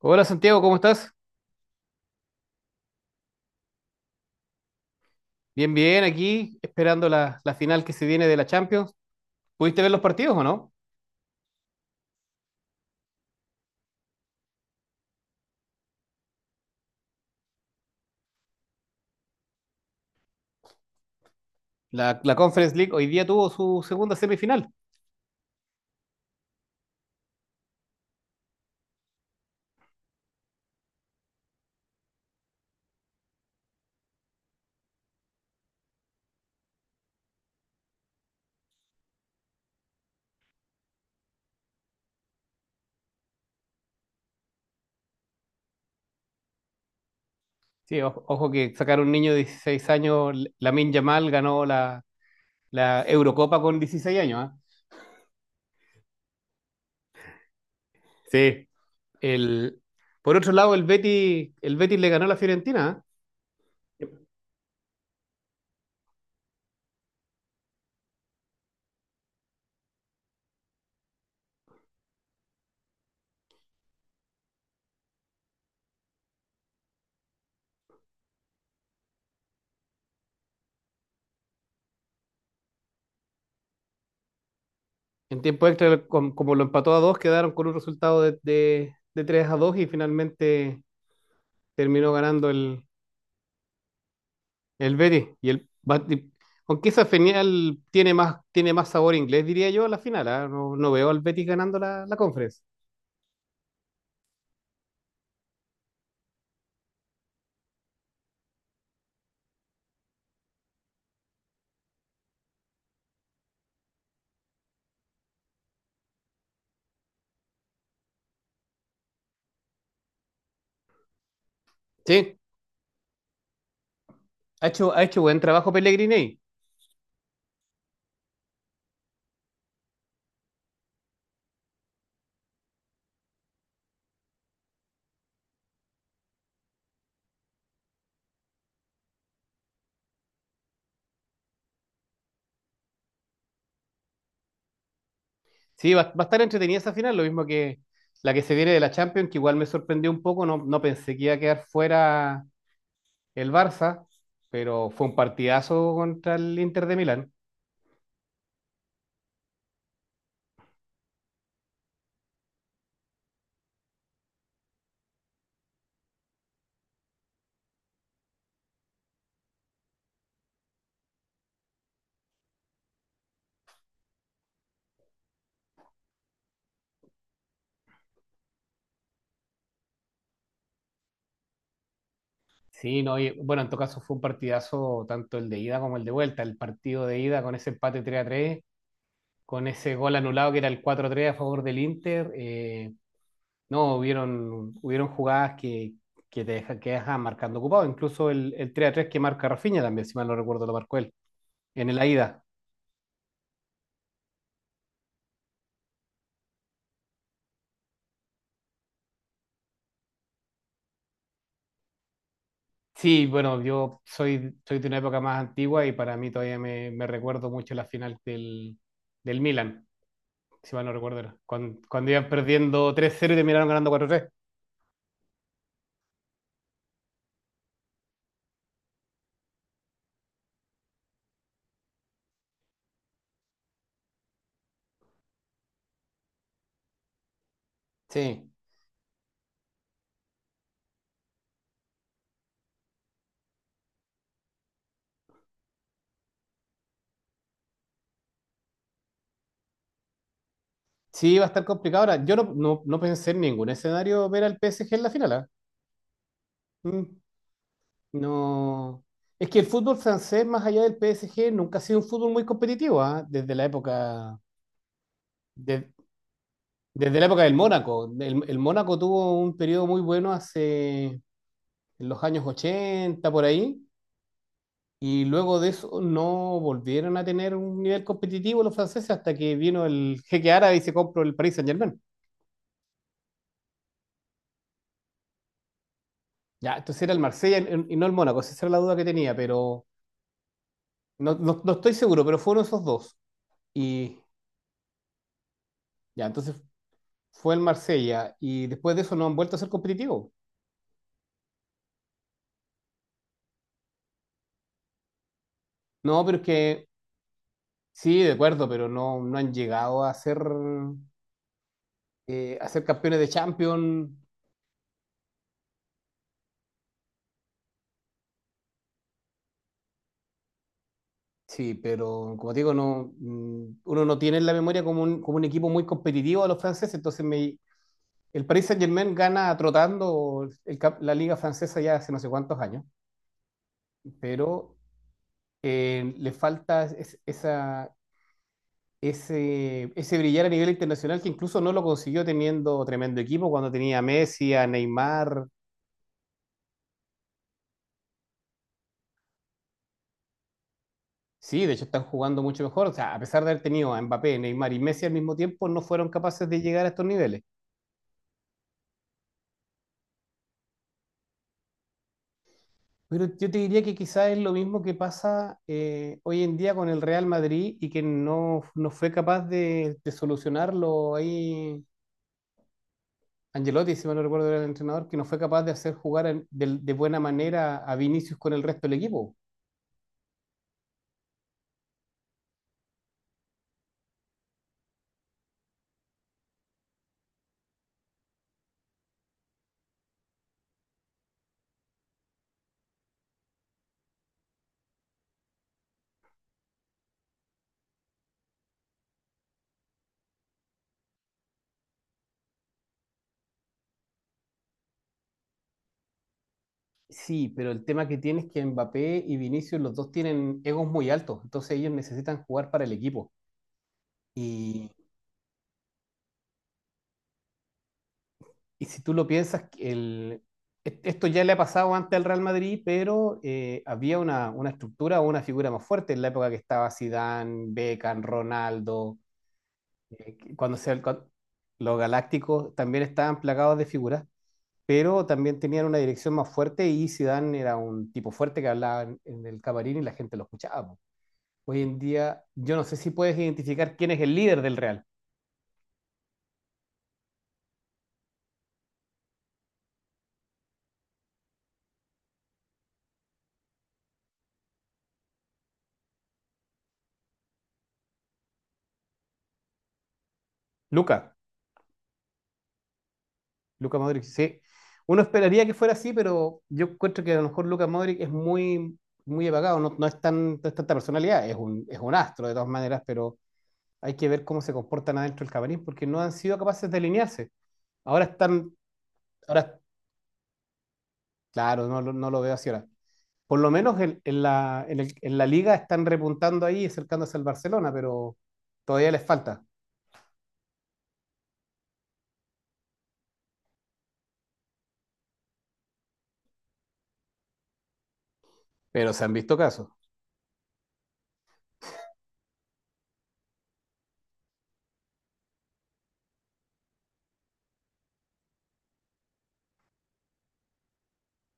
Hola Santiago, ¿cómo estás? Bien, bien, aquí esperando la final que se viene de la Champions. ¿Pudiste ver los partidos o no? La Conference League hoy día tuvo su segunda semifinal. Sí, ojo que sacar un niño de 16 años, Lamine Yamal ganó la Eurocopa con 16 años, ¿ah? Sí. El, por otro lado, el Betis le ganó a la Fiorentina, ¿ah? En tiempo extra, como lo empató a dos, quedaron con un resultado de 3 a 2 y finalmente terminó ganando el Betis. Y aunque esa final tiene más sabor inglés, diría yo, a la final, ¿ah? No, no veo al Betis ganando la Conference. Sí, ha hecho buen trabajo Pellegrini ahí. Sí, va a estar entretenida esa final, lo mismo que la que se viene de la Champions, que igual me sorprendió un poco. No, no pensé que iba a quedar fuera el Barça, pero fue un partidazo contra el Inter de Milán. Sí, no, y, bueno, en todo caso fue un partidazo tanto el de ida como el de vuelta. El partido de ida con ese empate 3 a tres, con ese gol anulado que era el cuatro tres a favor del Inter. No, hubieron jugadas que te dejan, que dejan marcando ocupado. Incluso el tres a tres que marca Rafinha también, si mal no recuerdo, lo marcó él en el ida. Sí, bueno, yo soy de una época más antigua y para mí todavía me recuerdo mucho la final del Milan, si mal no recuerdo era. Cuando iban perdiendo tres cero y terminaron ganando cuatro tres. Sí, sí, va a estar complicado. Ahora, yo no pensé en ningún escenario ver al PSG en la final, ¿ah? Mm, no. Es que el fútbol francés, más allá del PSG, nunca ha sido un fútbol muy competitivo, ¿ah? De- desde la época del Mónaco. El Mónaco tuvo un periodo muy bueno hace en los años 80 por ahí, y luego de eso no volvieron a tener un nivel competitivo los franceses hasta que vino el jeque árabe y se compró el Paris Saint-Germain. Ya, entonces era el Marsella y no el Mónaco, esa era la duda que tenía, pero no, no estoy seguro, pero fueron esos dos. Y ya, entonces fue el Marsella y después de eso no han vuelto a ser competitivos. No, pero es que sí, de acuerdo, pero no, no han llegado a ser campeones de Champions. Sí, pero como te digo, no, uno no tiene en la memoria como un, equipo muy competitivo a los franceses, entonces el Paris Saint-Germain gana trotando la liga francesa ya hace no sé cuántos años, pero le falta ese brillar a nivel internacional que incluso no lo consiguió teniendo tremendo equipo cuando tenía a Messi, a Neymar. Sí, de hecho están jugando mucho mejor. O sea, a pesar de haber tenido a Mbappé, Neymar y Messi al mismo tiempo, no fueron capaces de llegar a estos niveles. Pero yo te diría que quizás es lo mismo que pasa, hoy en día con el Real Madrid y que no fue capaz de solucionarlo ahí. Angelotti, si mal no recuerdo, era el entrenador que no fue capaz de hacer jugar de buena manera a Vinicius con el resto del equipo. Sí, pero el tema que tiene es que Mbappé y Vinicius, los dos tienen egos muy altos, entonces ellos necesitan jugar para el equipo. Y, y si tú lo piensas, que esto ya le ha pasado antes al Real Madrid, pero había una estructura o una figura más fuerte en la época que estaba Zidane, Beckham, Ronaldo, que cuando se, cuan- los galácticos también estaban plagados de figuras, pero también tenían una dirección más fuerte y Zidane era un tipo fuerte que hablaba en el camarín y la gente lo escuchaba. Hoy en día, yo no sé si puedes identificar quién es el líder del Real. Luca, Luca Modric, sí. Uno esperaría que fuera así, pero yo encuentro que a lo mejor Luca Modric es muy, muy apagado, no, no es tanta personalidad, es un astro de todas maneras, pero hay que ver cómo se comportan adentro del camarín porque no han sido capaces de alinearse. Ahora están, ahora, claro, no, no lo veo así ahora. Por lo menos en la liga están repuntando ahí y acercándose al Barcelona, pero todavía les falta. Pero se han visto casos.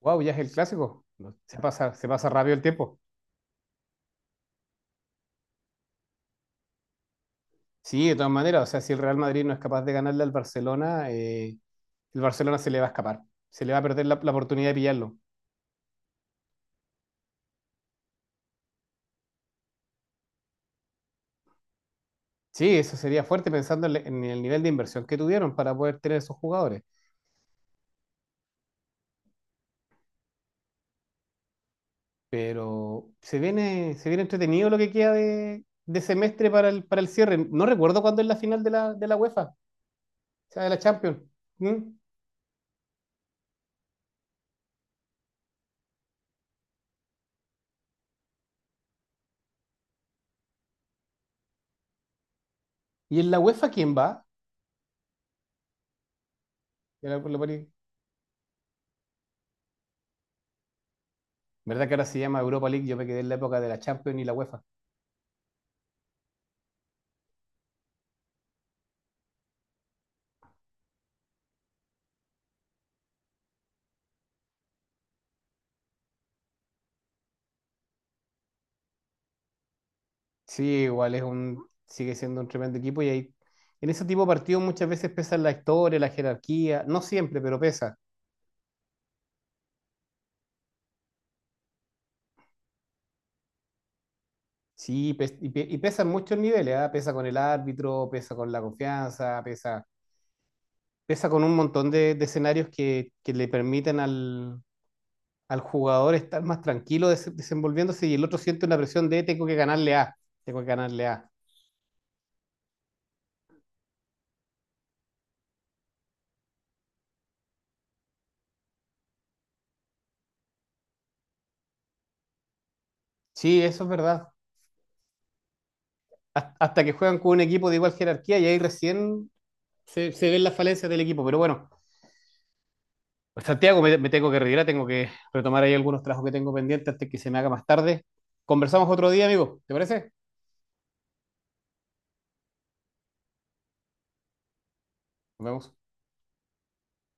Wow, ya es el clásico. No. Se pasa rápido el tiempo. Sí, de todas maneras, o sea, si el Real Madrid no es capaz de ganarle al Barcelona, el Barcelona se le va a escapar. Se le va a perder la oportunidad de pillarlo. Sí, eso sería fuerte pensando en el nivel de inversión que tuvieron para poder tener esos jugadores. Pero se viene entretenido lo que queda de semestre para para el cierre. No recuerdo cuándo es la final de la UEFA, o sea, de la Champions. ¿Mm? ¿Y en la UEFA quién va? Ya. ¿Verdad que ahora se llama Europa League? Yo me quedé en la época de la Champions y la UEFA. Sí, igual sigue siendo un tremendo equipo y ahí, en ese tipo de partidos muchas veces pesan la historia, la jerarquía, no siempre, pero pesa. Sí, pesa en muchos niveles, ¿ah? Pesa con el árbitro, pesa con la confianza, pesa con un montón de escenarios que le permiten al jugador estar más tranquilo desenvolviéndose y el otro siente una presión de tengo que ganarle A, tengo que ganarle A. Sí, eso es verdad. Hasta que juegan con un equipo de igual jerarquía y ahí recién se ven las falencias del equipo, pero bueno. Pues, Santiago, me tengo que retirar, tengo que retomar ahí algunos trabajos que tengo pendientes antes que se me haga más tarde. Conversamos otro día, amigo. ¿Te parece? Nos vemos.